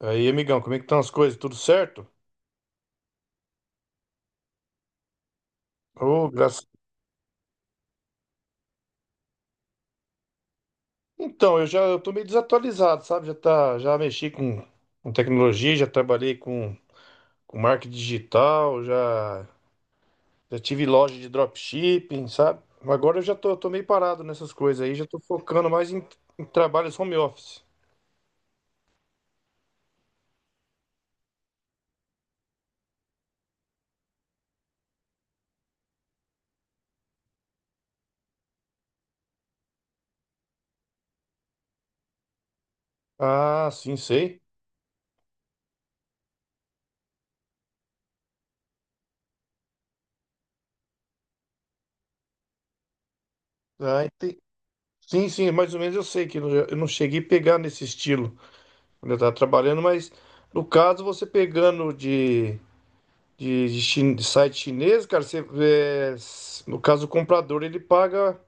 Aí, amigão, como é que estão as coisas? Tudo certo? Ô, graças. Então, eu tô meio desatualizado, sabe? Já tá, já mexi com tecnologia, já trabalhei com marketing digital, já, já tive loja de dropshipping, sabe? Mas agora eu já tô meio parado nessas coisas aí, já tô focando mais em, em trabalhos home office. Ah, sim, sei. Ah, ente- Sim, sim, mais ou menos eu sei que eu não cheguei a pegar nesse estilo quando eu estava trabalhando, mas no caso você pegando de de site chinês, cara, você, no caso o comprador ele paga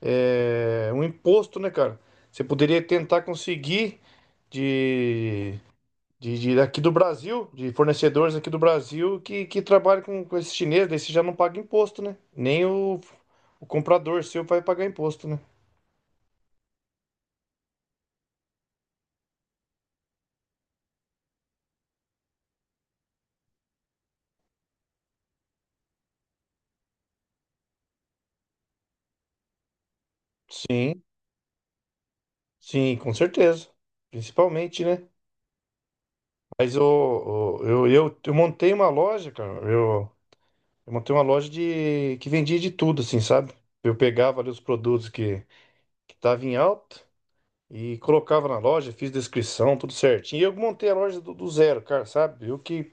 um imposto, né, cara? Você poderia tentar conseguir de, de aqui do Brasil, de fornecedores aqui do Brasil que trabalham com esse chinês, daí você já não paga imposto, né? Nem o, o comprador seu vai pagar imposto, né? Sim, sim, com certeza. Principalmente, né? Mas o- eu montei uma loja, cara. Eu montei uma loja de que vendia de tudo, assim, sabe? Eu pegava ali os produtos que tava em alta e colocava na loja, fiz descrição, tudo certinho. E eu montei a loja do zero, cara, sabe? Eu que,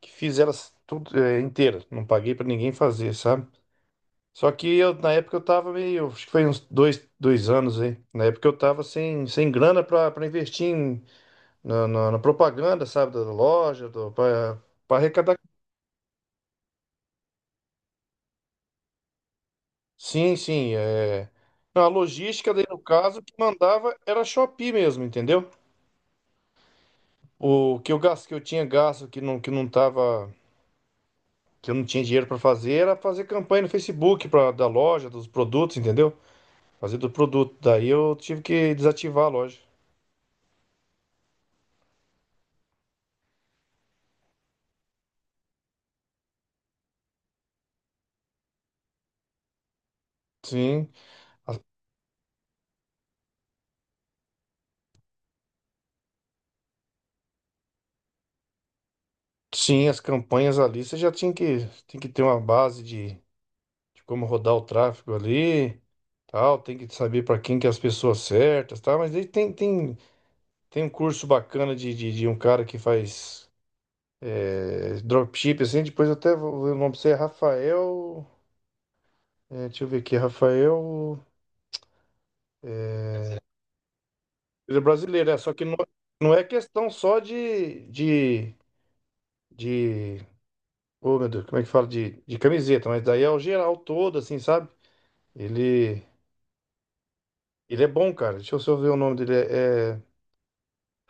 que fiz elas tudo inteira, não paguei pra ninguém fazer, sabe? Só que eu, na época eu tava meio, acho que foi uns dois, dois anos aí. Na época eu tava sem, sem grana pra, pra investir na propaganda, sabe? Da loja, do, pra, pra arrecadar. Sim, sim. Não, a logística daí, no caso, que mandava era a Shopee mesmo, entendeu? O que eu gasto, que eu tinha gasto, que não tava, que eu não tinha dinheiro para fazer, era fazer campanha no Facebook pra, da loja, dos produtos, entendeu? Fazer do produto. Daí eu tive que desativar a loja. Sim, a- sim, as campanhas ali, você já tinha que, tem que ter uma base de como rodar o tráfego ali, tal, tem que saber para quem que é as pessoas certas, tá? Mas aí tem tem um curso bacana de um cara que faz dropship, assim, depois eu até vou ver o nome pra você, é Rafael. É, deixa eu ver aqui, Rafael. Ele é brasileiro, é, só que não é questão só de. Oh, meu Deus, como é que fala? De camiseta, mas daí é o geral todo, assim, sabe? Ele, ele é bom, cara. Deixa eu só ver o nome dele. É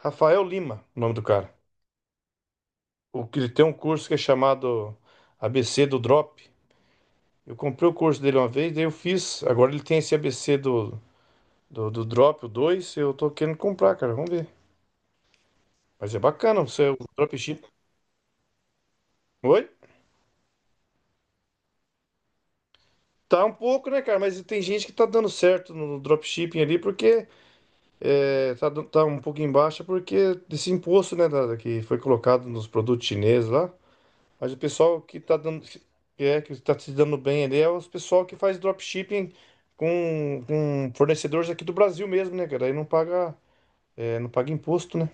Rafael Lima, o nome do cara. Ele tem um curso que é chamado ABC do Drop. Eu comprei o curso dele uma vez, daí eu fiz. Agora ele tem esse ABC do Drop, o dois. Eu tô querendo comprar, cara. Vamos ver. Mas é bacana, você é o dropshipping. Oi? Tá um pouco, né, cara? Mas tem gente que tá dando certo no dropshipping ali, porque tá um pouco em baixa, porque desse imposto, né, da, que foi colocado nos produtos chineses lá. Mas o pessoal que tá dando, que tá se dando bem ali é os pessoal que faz dropshipping com fornecedores aqui do Brasil mesmo, né, cara? Aí não paga, não paga imposto, né?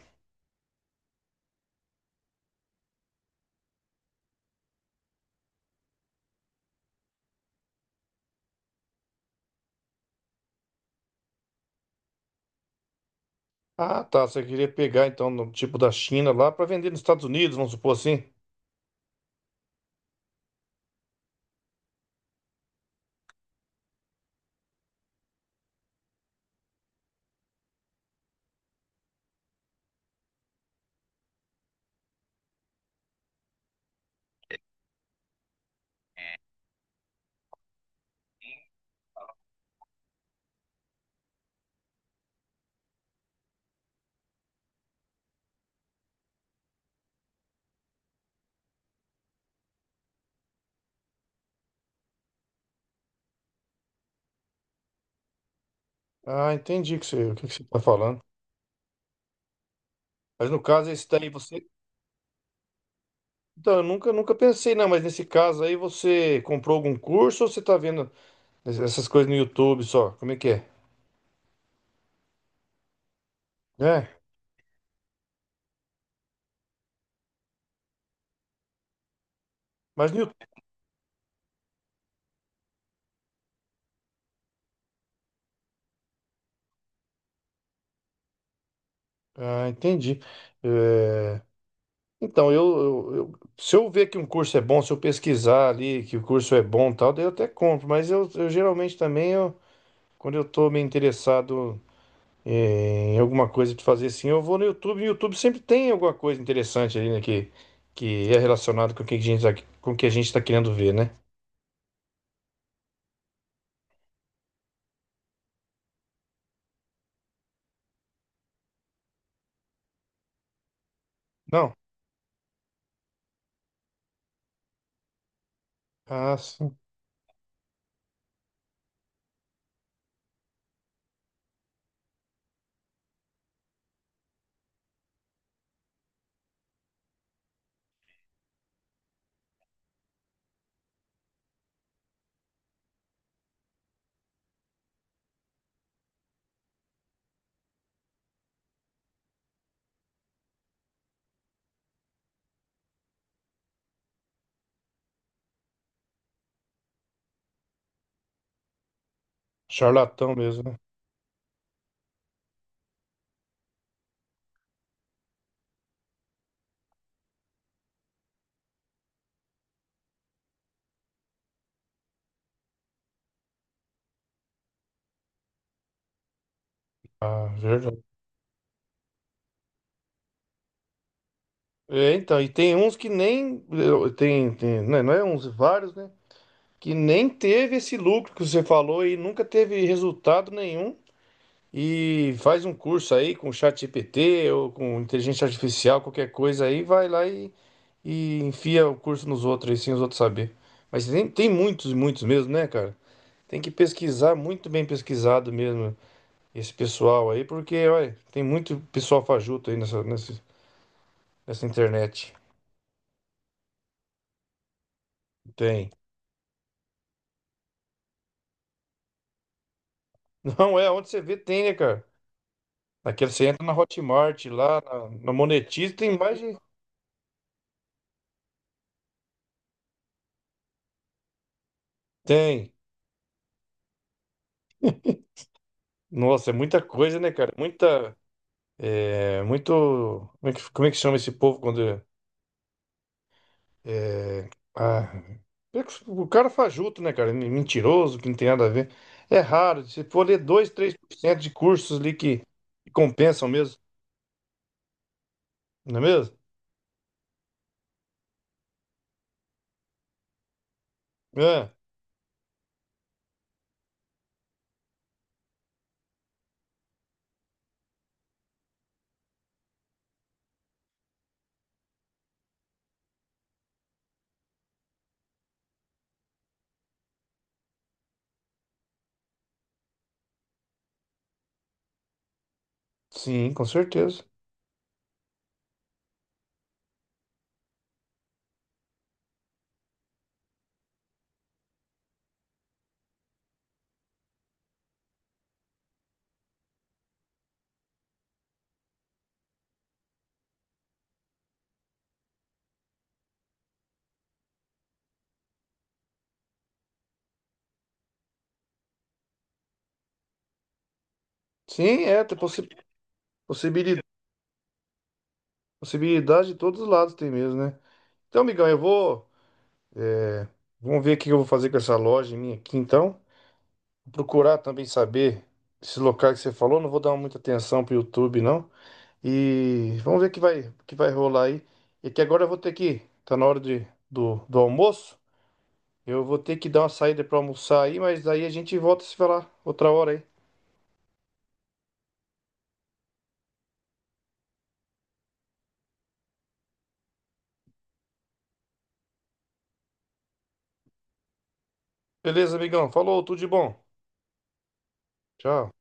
Ah, tá. Você queria pegar então no tipo da China lá para vender nos Estados Unidos, vamos supor assim. Ah, entendi o que você está falando. Mas no caso esse daí você, então eu nunca, nunca pensei não. Mas nesse caso aí você comprou algum curso ou você está vendo essas coisas no YouTube só? Como é que é? É. Mas no YouTube. Ah, entendi. É, então se eu ver que um curso é bom, se eu pesquisar ali que o curso é bom, e tal, daí eu até compro. Mas eu geralmente também eu, quando eu estou me interessado é, em alguma coisa de fazer assim, eu vou no YouTube. O YouTube sempre tem alguma coisa interessante ali, né? Que é relacionado com o que a gente, tá- com o que a gente está querendo ver, né? Não? Ah, sim. Charlatão mesmo, né? Ah, verdade. É, então, e tem uns que nem. Eu- tem, tem, né, não é uns, vários, né? Que nem teve esse lucro que você falou e nunca teve resultado nenhum. E faz um curso aí com o ChatGPT ou com inteligência artificial, qualquer coisa aí, vai lá e enfia o curso nos outros aí, sem os outros saber. Mas tem, tem muitos, muitos mesmo, né, cara? Tem que pesquisar, muito bem pesquisado mesmo, esse pessoal aí, porque, olha, tem muito pessoal fajuto aí nessa internet. Tem. Não é, onde você vê tem, né, cara? Naquela, você entra na Hotmart, lá na Monetize, tem mais de... Tem. Nossa, é muita coisa, né, cara? Muita. É muito. Como é que chama esse povo quando. É, é, ah, é que o cara fajuto, né, cara? Mentiroso, que não tem nada a ver. É raro. Se for ler 2 3% de cursos ali que compensam mesmo, não é mesmo? É, sim, com certeza. Sim, é, tem possi possibilidade, possibilidade de todos os lados tem mesmo, né? Então, amigão, eu vou. Vamos ver o que eu vou fazer com essa loja minha aqui, então. Procurar também saber esse local que você falou. Não vou dar muita atenção pro YouTube, não. E vamos ver o que vai rolar aí. É que agora eu vou ter que. Tá na hora do almoço. Eu vou ter que dar uma saída pra almoçar aí, mas aí a gente volta a se falar outra hora aí. Beleza, amigão? Falou, tudo de bom. Tchau.